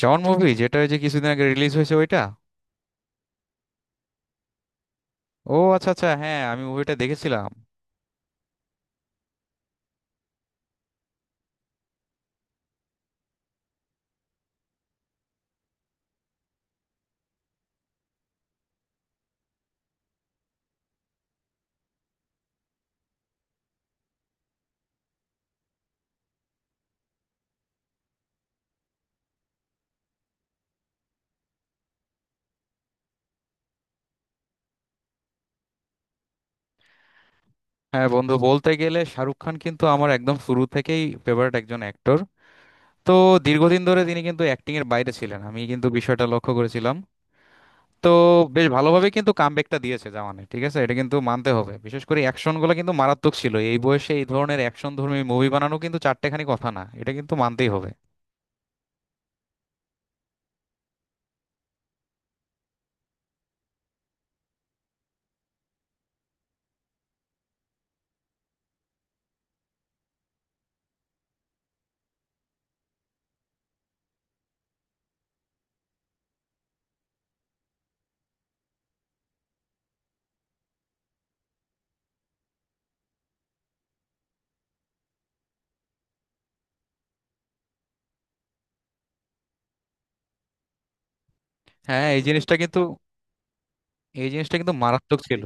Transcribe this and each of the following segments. জন movie যেটা ওই যে কিছুদিন আগে রিলিজ হয়েছে ওইটা। ও আচ্ছা আচ্ছা, হ্যাঁ আমি মুভিটা দেখেছিলাম। হ্যাঁ বন্ধু, বলতে গেলে শাহরুখ খান কিন্তু আমার একদম শুরু থেকেই ফেভারিট একজন অ্যাক্টর। তো দীর্ঘদিন ধরে তিনি কিন্তু অ্যাক্টিং এর বাইরে ছিলেন, আমি কিন্তু বিষয়টা লক্ষ্য করেছিলাম। তো বেশ ভালোভাবে কিন্তু কামব্যাকটা দিয়েছে জামানে, ঠিক আছে, এটা কিন্তু মানতে হবে। বিশেষ করে অ্যাকশন গুলো কিন্তু মারাত্মক ছিল, এই বয়সে এই ধরনের অ্যাকশন ধর্মী মুভি বানানো কিন্তু চারটেখানি কথা না, এটা কিন্তু মানতেই হবে। হ্যাঁ এই জিনিসটা কিন্তু মারাত্মক ছিল।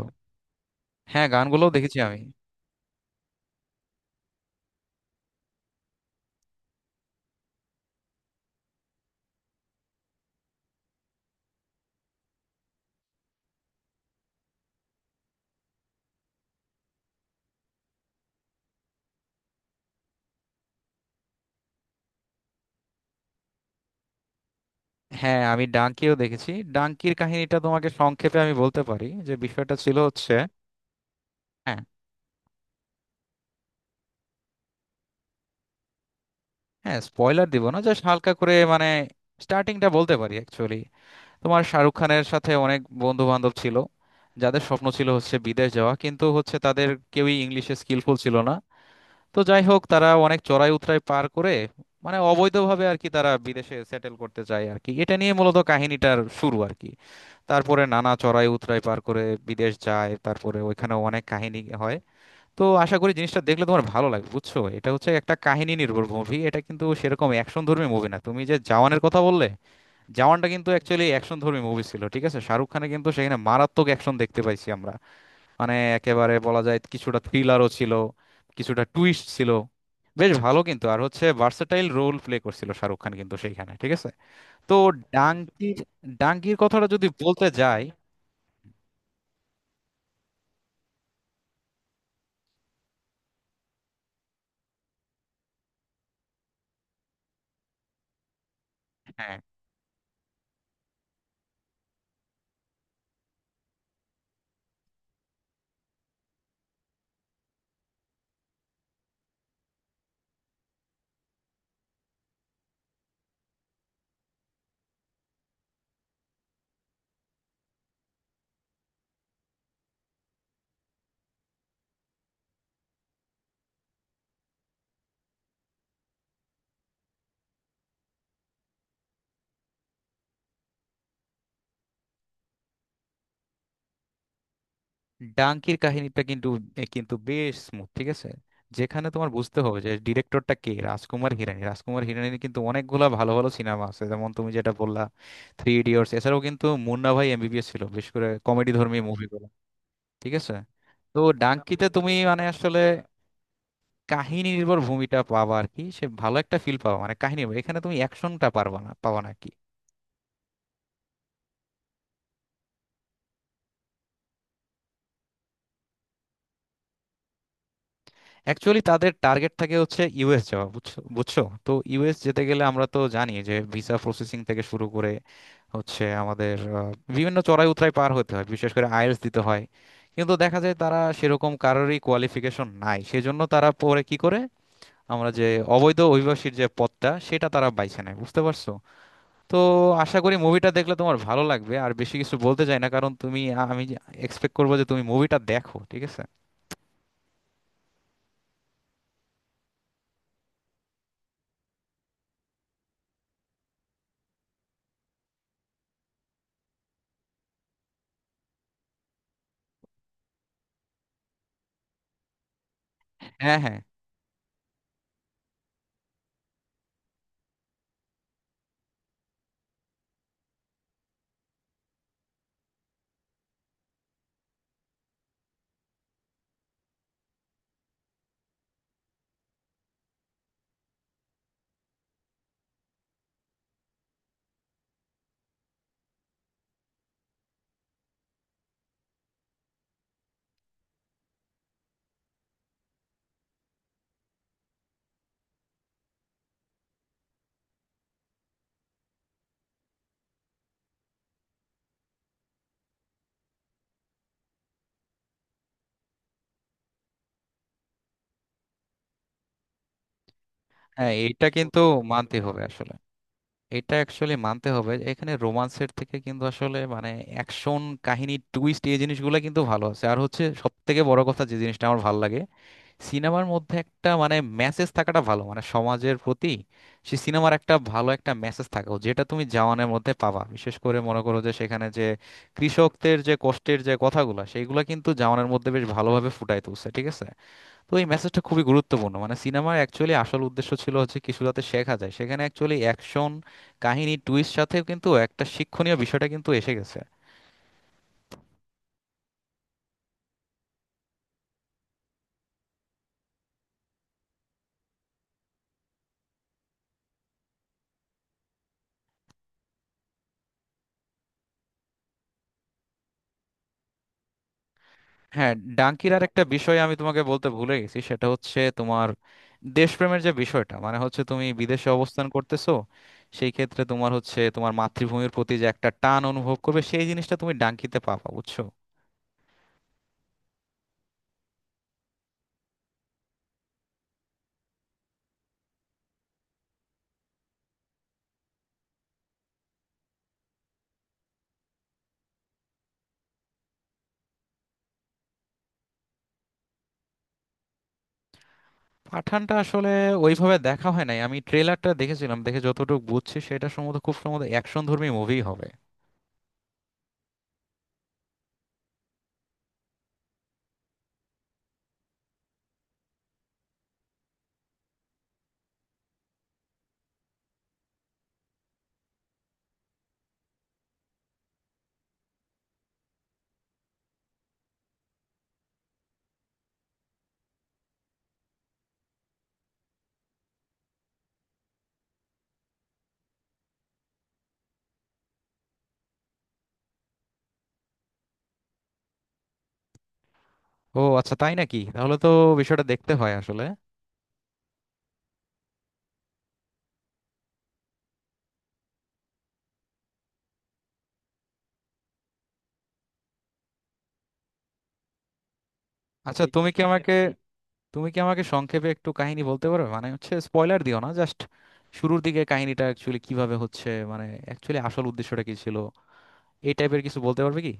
হ্যাঁ গানগুলোও দেখেছি আমি। হ্যাঁ আমি ডাঙ্কিও দেখেছি। ডাঙ্কির কাহিনীটা তোমাকে সংক্ষেপে আমি বলতে পারি, যে বিষয়টা ছিল হচ্ছে, হ্যাঁ, হ্যাঁ স্পয়লার দিব না, জাস্ট হালকা করে মানে স্টার্টিংটা বলতে পারি। অ্যাকচুয়ালি তোমার শাহরুখ খানের সাথে অনেক বন্ধু বান্ধব ছিল, যাদের স্বপ্ন ছিল হচ্ছে বিদেশ যাওয়া, কিন্তু হচ্ছে তাদের কেউই ইংলিশে স্কিলফুল ছিল না। তো যাই হোক, তারা অনেক চড়াই উতরাই পার করে, মানে অবৈধভাবে আর কি তারা বিদেশে সেটেল করতে চায় আর কি, এটা নিয়ে মূলত কাহিনীটার শুরু আর কি। তারপরে নানা চড়াই উতরাই পার করে বিদেশ যায়, তারপরে ওইখানে অনেক কাহিনী হয়। তো আশা করি জিনিসটা দেখলে তোমার ভালো লাগবে, বুঝছো, এটা হচ্ছে একটা কাহিনী নির্ভর মুভি, এটা কিন্তু সেরকম অ্যাকশন ধর্মী মুভি না। তুমি যে জওয়ানের কথা বললে, জওয়ানটা কিন্তু অ্যাকচুয়ালি অ্যাকশন ধর্মী মুভি ছিল, ঠিক আছে, শাহরুখ খানে কিন্তু সেখানে মারাত্মক অ্যাকশন দেখতে পাইছি আমরা। মানে একেবারে বলা যায় কিছুটা থ্রিলারও ছিল, কিছুটা টুইস্ট ছিল, বেশ ভালো কিন্তু। আর হচ্ছে ভার্সেটাইল রোল প্লে করছিল শাহরুখ খান কিন্তু সেইখানে, ঠিক আছে। তো ডাঙ্কির ডাঙ্কির কথাটা যদি বলতে যাই, হ্যাঁ ডাঙ্কির কাহিনীটা কিন্তু এ কিন্তু বেশ স্মুথ, ঠিক আছে। যেখানে তোমার বুঝতে হবে যে ডিরেক্টরটা কে, রাজকুমার হিরানি। রাজকুমার হিরানির কিন্তু অনেকগুলা ভালো ভালো সিনেমা আছে, যেমন তুমি যেটা বললা, থ্রি ইডিয়টস। এছাড়াও কিন্তু মুন্না ভাই এমবিবিএস ছিল, বেশ করে কমেডি ধর্মী মুভি, ঠিক আছে। তো ডাঙ্কিতে তুমি মানে আসলে কাহিনী নির্ভর ভূমিটা পাবা আর কি, সে ভালো একটা ফিল পাবা, মানে কাহিনী নির্ভর। এখানে তুমি অ্যাকশনটা পারবা না, পাবা না কি। অ্যাকচুয়ালি তাদের টার্গেট থাকে হচ্ছে ইউএস যাওয়া, বুঝছো, বুঝছো তো ইউএস যেতে গেলে আমরা তো জানি যে ভিসা প্রসেসিং থেকে শুরু করে হচ্ছে আমাদের বিভিন্ন চড়াই উতরাই পার হতে হয়, বিশেষ করে আইএলটিএস দিতে হয়। কিন্তু দেখা যায় তারা সেরকম কারোরই কোয়ালিফিকেশন নাই, সেজন্য তারা পরে কি করে, আমরা যে অবৈধ অভিবাসীর যে পথটা, সেটা তারা বাইছে নেয়, বুঝতে পারছো। তো আশা করি মুভিটা দেখলে তোমার ভালো লাগবে, আর বেশি কিছু বলতে চাই না কারণ তুমি, আমি এক্সপেক্ট করবো যে তুমি মুভিটা দেখো, ঠিক আছে। হ্যাঁ, হ্যাঁ, হ্যাঁ এটা কিন্তু মানতে হবে আসলে, এটা অ্যাকচুয়ালি মানতে হবে। এখানে রোমান্সের থেকে কিন্তু আসলে মানে অ্যাকশন, কাহিনী, টুইস্ট, এই জিনিসগুলো কিন্তু ভালো আছে। আর হচ্ছে সব থেকে বড় কথা, যে জিনিসটা আমার ভালো লাগে, সিনেমার মধ্যে একটা মানে মেসেজ থাকাটা ভালো, মানে সমাজের প্রতি সে সিনেমার একটা ভালো একটা মেসেজ থাকা উচিত, যেটা তুমি জওয়ানের মধ্যে পাবা। বিশেষ করে মনে করো যে সেখানে যে কৃষকদের যে কষ্টের যে কথাগুলো, সেইগুলো কিন্তু জওয়ানের মধ্যে বেশ ভালোভাবে ফুটায় তুলছে, ঠিক আছে। তো এই মেসেজটা খুবই গুরুত্বপূর্ণ, মানে সিনেমার অ্যাকচুয়ালি আসল উদ্দেশ্য ছিল হচ্ছে কিছু যাতে শেখা যায়, সেখানে অ্যাকচুয়ালি অ্যাকশন, কাহিনী, টুইস্ট সাথেও কিন্তু একটা শিক্ষণীয় বিষয়টা কিন্তু এসে গেছে। হ্যাঁ ডাঙ্কির আর একটা বিষয় আমি তোমাকে বলতে ভুলে গেছি, সেটা হচ্ছে তোমার দেশপ্রেমের যে বিষয়টা, মানে হচ্ছে তুমি বিদেশে অবস্থান করতেছো, সেই ক্ষেত্রে তোমার হচ্ছে তোমার মাতৃভূমির প্রতি যে একটা টান অনুভব করবে, সেই জিনিসটা তুমি ডাঙ্কিতে পাবা, বুঝছো। পাঠানটা আসলে ওইভাবে দেখা হয় নাই, আমি ট্রেলারটা দেখেছিলাম, দেখে যতটুকু বুঝছি সেটা সম্ভবত, খুব সম্ভবত অ্যাকশন ধর্মী মুভি হবে। ও আচ্ছা তাই নাকি, তাহলে তো বিষয়টা দেখতে হয় আসলে। আচ্ছা তুমি কি আমাকে সংক্ষেপে একটু কাহিনী বলতে পারবে, মানে হচ্ছে স্পয়লার দিও না, জাস্ট শুরুর দিকে কাহিনীটা অ্যাকচুয়ালি কিভাবে হচ্ছে, মানে অ্যাকচুয়ালি আসল উদ্দেশ্যটা কি ছিল, এই টাইপের কিছু বলতে পারবে কি।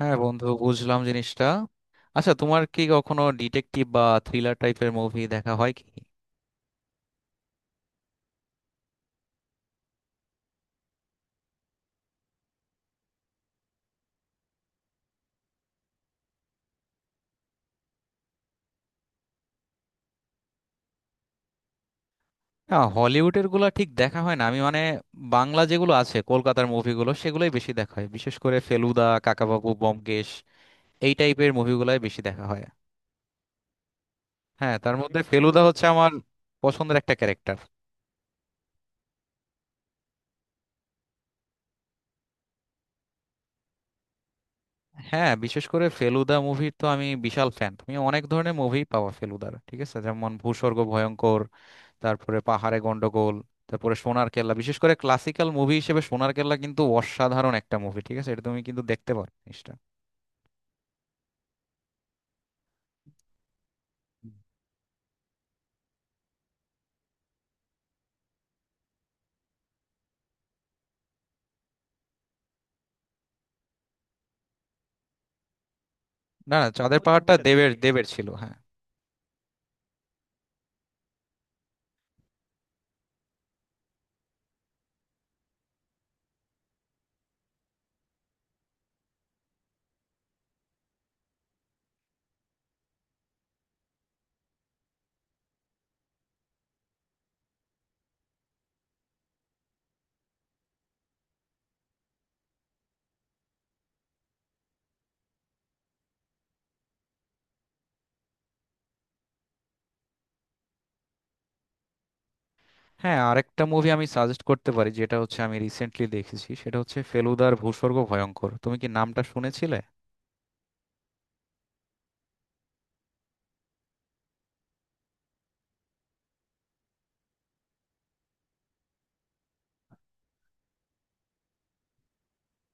হ্যাঁ বন্ধু, বুঝলাম জিনিসটা। আচ্ছা তোমার কি কখনো ডিটেকটিভ বা থ্রিলার টাইপের মুভি দেখা হয় কি? না হলিউডের গুলা ঠিক দেখা হয় না, আমি মানে বাংলা যেগুলো আছে কলকাতার মুভিগুলো সেগুলোই বেশি দেখা হয়, বিশেষ করে ফেলুদা, কাকাবাবু, ব্যোমকেশ, এই টাইপের মুভিগুলাই বেশি দেখা হয়। হ্যাঁ তার মধ্যে ফেলুদা হচ্ছে আমার পছন্দের একটা ক্যারেক্টার। হ্যাঁ বিশেষ করে ফেলুদা মুভির তো আমি বিশাল ফ্যান, তুমি অনেক ধরনের মুভি পাবা ফেলুদার, ঠিক আছে, যেমন ভূস্বর্গ ভয়ঙ্কর, তারপরে পাহাড়ে গন্ডগোল, তারপরে সোনার কেল্লা। বিশেষ করে ক্লাসিক্যাল মুভি হিসেবে সোনার কেল্লা কিন্তু অসাধারণ একটা মুভি, ঠিক আছে, এটা তুমি কিন্তু দেখতে পারো জিনিসটা। না না, চাঁদের ওই পাহাড়টা মুভিটা দেবের, দেখি দেবের ছিল হ্যাঁ। হ্যাঁ আরেকটা মুভি আমি সাজেস্ট করতে পারি, যেটা হচ্ছে আমি রিসেন্টলি দেখেছি, সেটা হচ্ছে ফেলুদার ভূস্বর্গ ভয়ঙ্কর, তুমি কি নামটা শুনেছিলে?